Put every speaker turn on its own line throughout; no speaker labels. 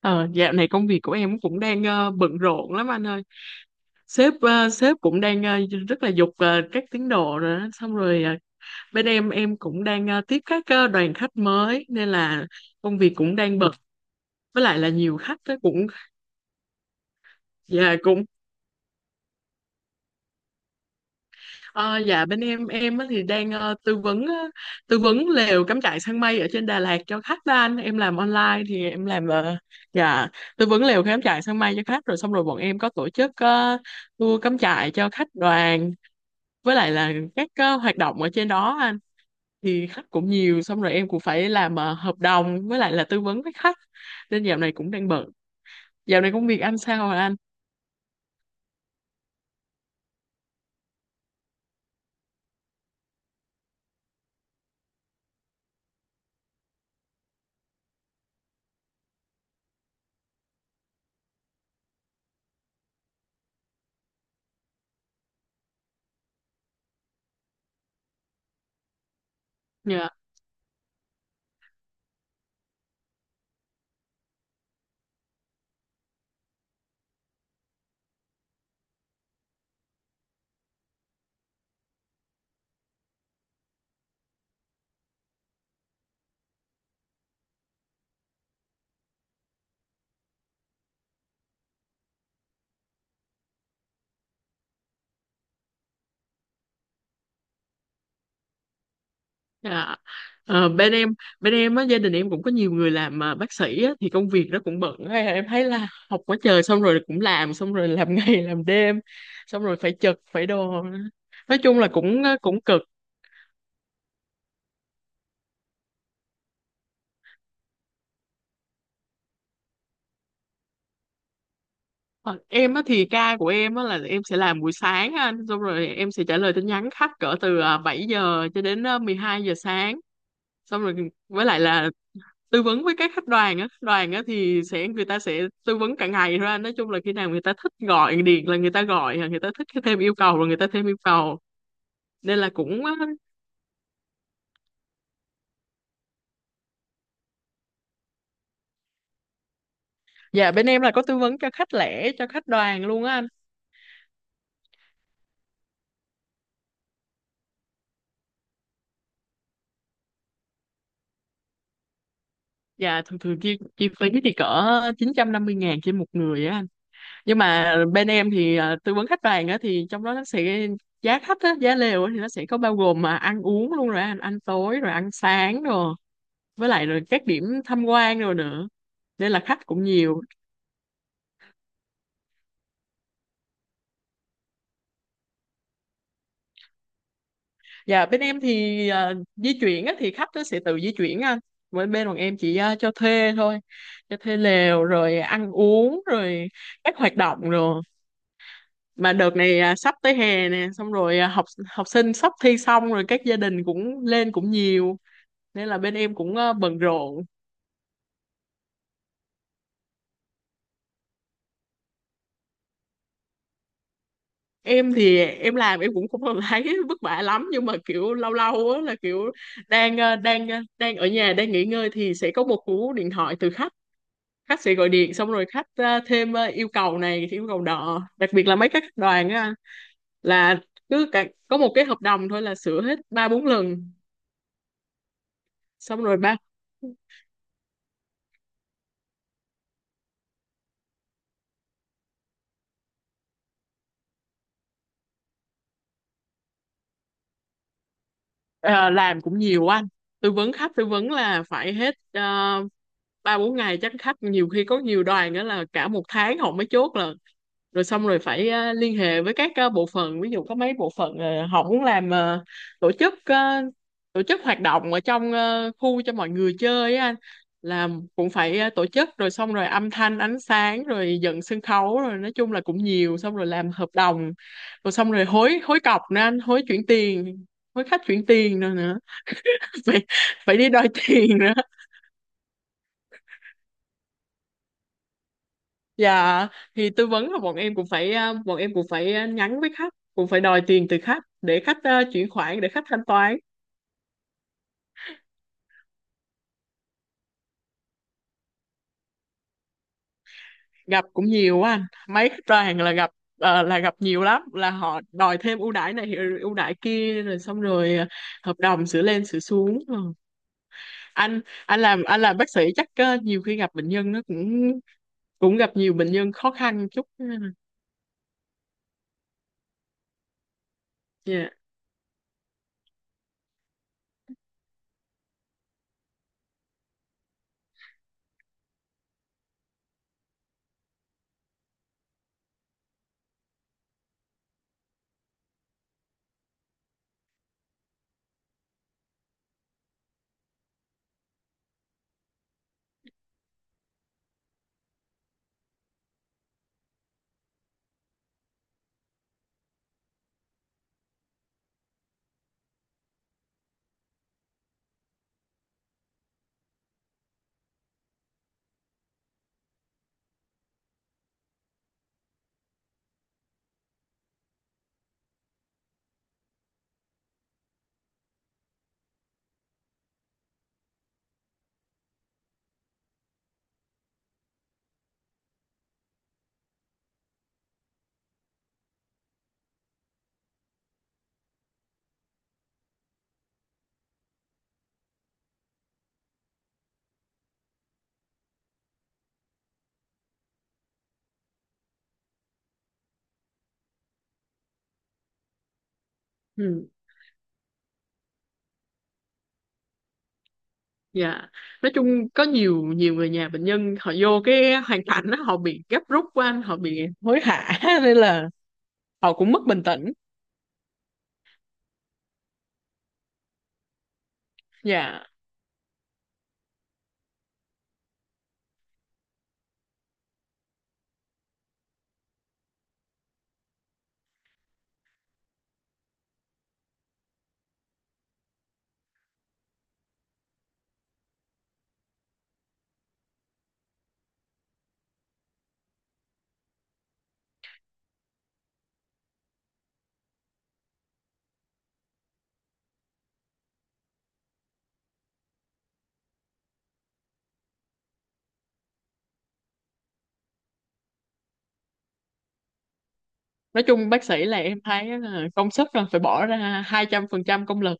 Ờ, Dạo này công việc của em cũng đang bận rộn lắm anh ơi. Sếp cũng đang rất là giục các tiến độ rồi đó. Xong rồi, bên em cũng đang tiếp các đoàn khách mới nên là công việc cũng đang bận. Với lại là nhiều khách đó cũng dạ, cũng ờ, dạ bên em á thì đang tư vấn lều cắm trại săn mây ở trên Đà Lạt cho khách đó anh. Em làm online thì em làm dạ tư vấn lều cắm trại săn mây cho khách rồi xong rồi bọn em có tổ chức tour cắm trại cho khách đoàn với lại là các hoạt động ở trên đó anh, thì khách cũng nhiều xong rồi em cũng phải làm hợp đồng với lại là tư vấn với khách nên dạo này cũng đang bận. Dạo này công việc anh sao rồi anh? Dạ. Dạ. Ờ, bên em bên em á, gia đình em cũng có nhiều người làm bác sĩ á, thì công việc nó cũng bận. Hay là em thấy là học quá trời xong rồi cũng làm xong rồi làm ngày làm đêm xong rồi phải trực phải đồ, nói chung là cũng cũng cực. Ờ, em á thì ca của em á là em sẽ làm buổi sáng á anh, xong rồi em sẽ trả lời tin nhắn khách cỡ từ 7 giờ cho đến 12 giờ sáng, xong rồi với lại là tư vấn với các khách đoàn á, đoàn á thì sẽ người ta sẽ tư vấn cả ngày thôi anh, nói chung là khi nào người ta thích gọi điện là người ta gọi người ta thích thêm yêu cầu rồi người ta thêm yêu cầu nên là cũng á. Dạ, bên em là có tư vấn cho khách lẻ cho khách đoàn luôn á anh. Dạ, thường thường chi chi phí thì cỡ 950.000 trên một người á anh. Nhưng mà bên em thì tư vấn khách hàng á thì trong đó nó sẽ giá khách á, giá lều á thì nó sẽ có bao gồm mà ăn uống luôn rồi anh, ăn tối rồi ăn sáng rồi với lại rồi các điểm tham quan rồi nữa, nên là khách cũng nhiều. Và bên em thì di chuyển á thì khách nó sẽ tự di chuyển anh, bên bên bọn em chỉ cho thuê thôi, cho thuê lều rồi ăn uống rồi các hoạt động rồi. Mà đợt này sắp tới hè nè, xong rồi à, học học sinh sắp thi, xong rồi các gia đình cũng lên cũng nhiều, nên là bên em cũng bận rộn. Em thì em làm em cũng không còn thấy vất vả lắm, nhưng mà kiểu lâu lâu á là kiểu đang ở nhà đang nghỉ ngơi thì sẽ có một cú điện thoại từ khách, khách sẽ gọi điện xong rồi khách thêm yêu cầu này yêu cầu nọ, đặc biệt là mấy cái khách đoàn á, là có một cái hợp đồng thôi là sửa hết ba bốn lần xong rồi ba. Ờ, làm cũng nhiều anh, tư vấn khách tư vấn là phải hết ba bốn ngày, chắc khách nhiều khi có nhiều đoàn đó là cả một tháng họ mới chốt là, rồi xong rồi phải liên hệ với các bộ phận, ví dụ có mấy bộ phận họ muốn làm tổ chức ờ, tổ chức hoạt động ở trong khu cho mọi người chơi á anh, là cũng phải tổ chức rồi xong rồi âm thanh ánh sáng rồi dựng sân khấu rồi, nói chung là cũng nhiều, xong rồi làm hợp đồng rồi xong rồi hối hối cọc nữa anh, hối chuyển tiền, hối khách chuyển tiền nữa nữa phải phải đi đòi tiền nữa. Dạ, thì tư vấn là bọn em cũng phải bọn em cũng phải nhắn với khách, cũng phải đòi tiền từ khách để khách chuyển khoản để khách thanh toán. Gặp cũng nhiều quá anh, mấy khách ra hàng là gặp là gặp nhiều lắm, là họ đòi thêm ưu đãi này rồi ưu đãi kia rồi xong rồi hợp đồng sửa lên sửa xuống. Ừ. anh anh làm bác sĩ chắc nhiều khi gặp bệnh nhân nó cũng cũng gặp nhiều bệnh nhân khó khăn chút. Dạ. Ừ. Dạ, nói chung có nhiều nhiều người nhà bệnh nhân họ vô cái hoàn cảnh đó, họ bị gấp rút quá anh, họ bị hối hả nên là họ cũng mất bình tĩnh. Dạ, nói chung bác sĩ là em thấy là công sức là phải bỏ ra 200% công lực,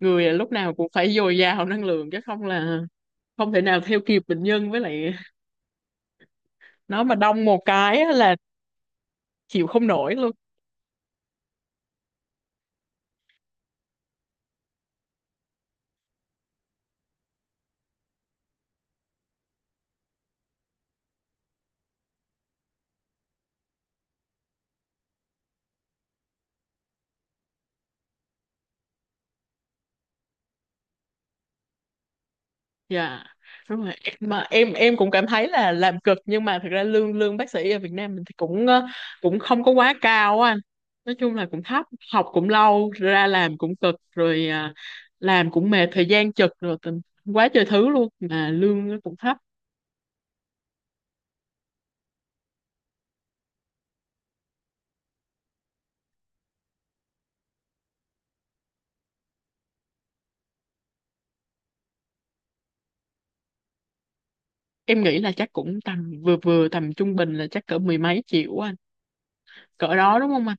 người lúc nào cũng phải dồi dào năng lượng chứ không là không thể nào theo kịp bệnh nhân, với lại nó mà đông một cái á là chịu không nổi luôn. Dạ, đúng rồi, mà em cũng cảm thấy là làm cực nhưng mà thực ra lương lương bác sĩ ở Việt Nam mình thì cũng cũng không có quá cao á anh, nói chung là cũng thấp, học cũng lâu ra làm cũng cực rồi làm cũng mệt thời gian chật rồi tình quá trời thứ luôn mà lương nó cũng thấp. Em nghĩ là chắc cũng tầm vừa vừa, tầm trung bình là chắc cỡ mười mấy triệu á anh, cỡ đó đúng không anh?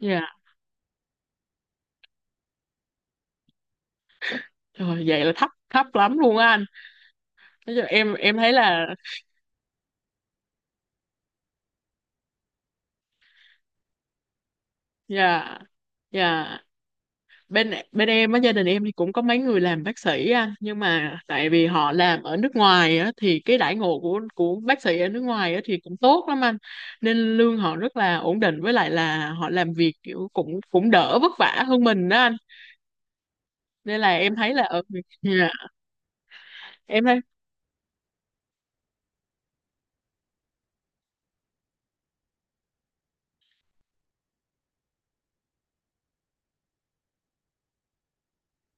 Dạ rồi, vậy là thấp thấp lắm luôn á anh, nói chung em thấy là. Dạ. Dạ. Bên bên em á, gia đình em thì cũng có mấy người làm bác sĩ anh, nhưng mà tại vì họ làm ở nước ngoài á thì cái đãi ngộ của bác sĩ ở nước ngoài á thì cũng tốt lắm anh, nên lương họ rất là ổn định, với lại là họ làm việc kiểu cũng cũng đỡ vất vả hơn mình đó anh, nên là em thấy là ở dạ, em thấy.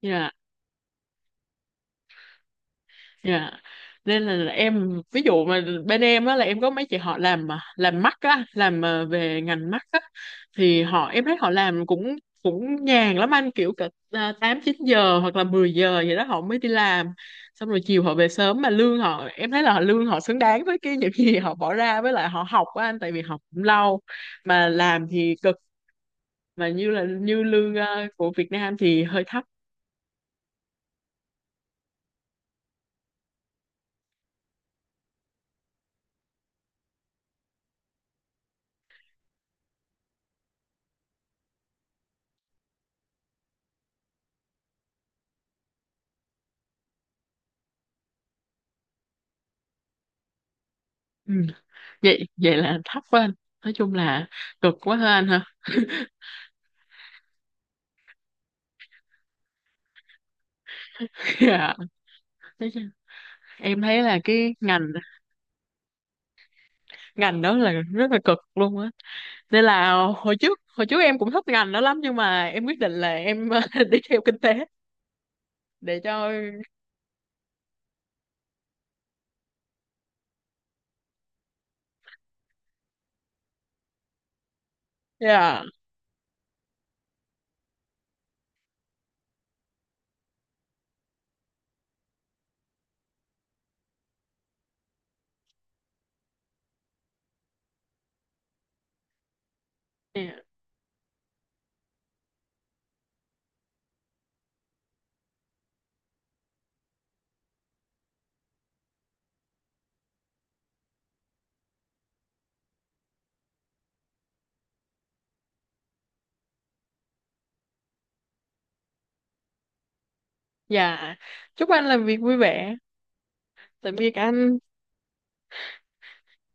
Dạ. Dạ. Nên là em ví dụ mà bên em á là em có mấy chị họ làm mà làm mắt á, làm về ngành mắt á, thì họ em thấy họ làm cũng cũng nhàn lắm anh, kiểu cả 8 9 giờ hoặc là 10 giờ vậy đó họ mới đi làm. Xong rồi chiều họ về sớm mà lương họ, em thấy là họ lương họ xứng đáng với cái những gì họ bỏ ra với lại họ học á anh, tại vì học cũng lâu mà làm thì cực, mà như là như lương của Việt Nam thì hơi thấp. Ừ. Vậy vậy là thấp quá anh, nói chung là cực quá ha anh hả dạ. Thế chứ em thấy là cái ngành ngành đó là rất là cực luôn á, nên là hồi trước em cũng thích ngành đó lắm, nhưng mà em quyết định là em đi theo kinh tế để cho. Dạ. Dạ. Dạ, chúc anh làm việc vui vẻ. Tạm biệt anh.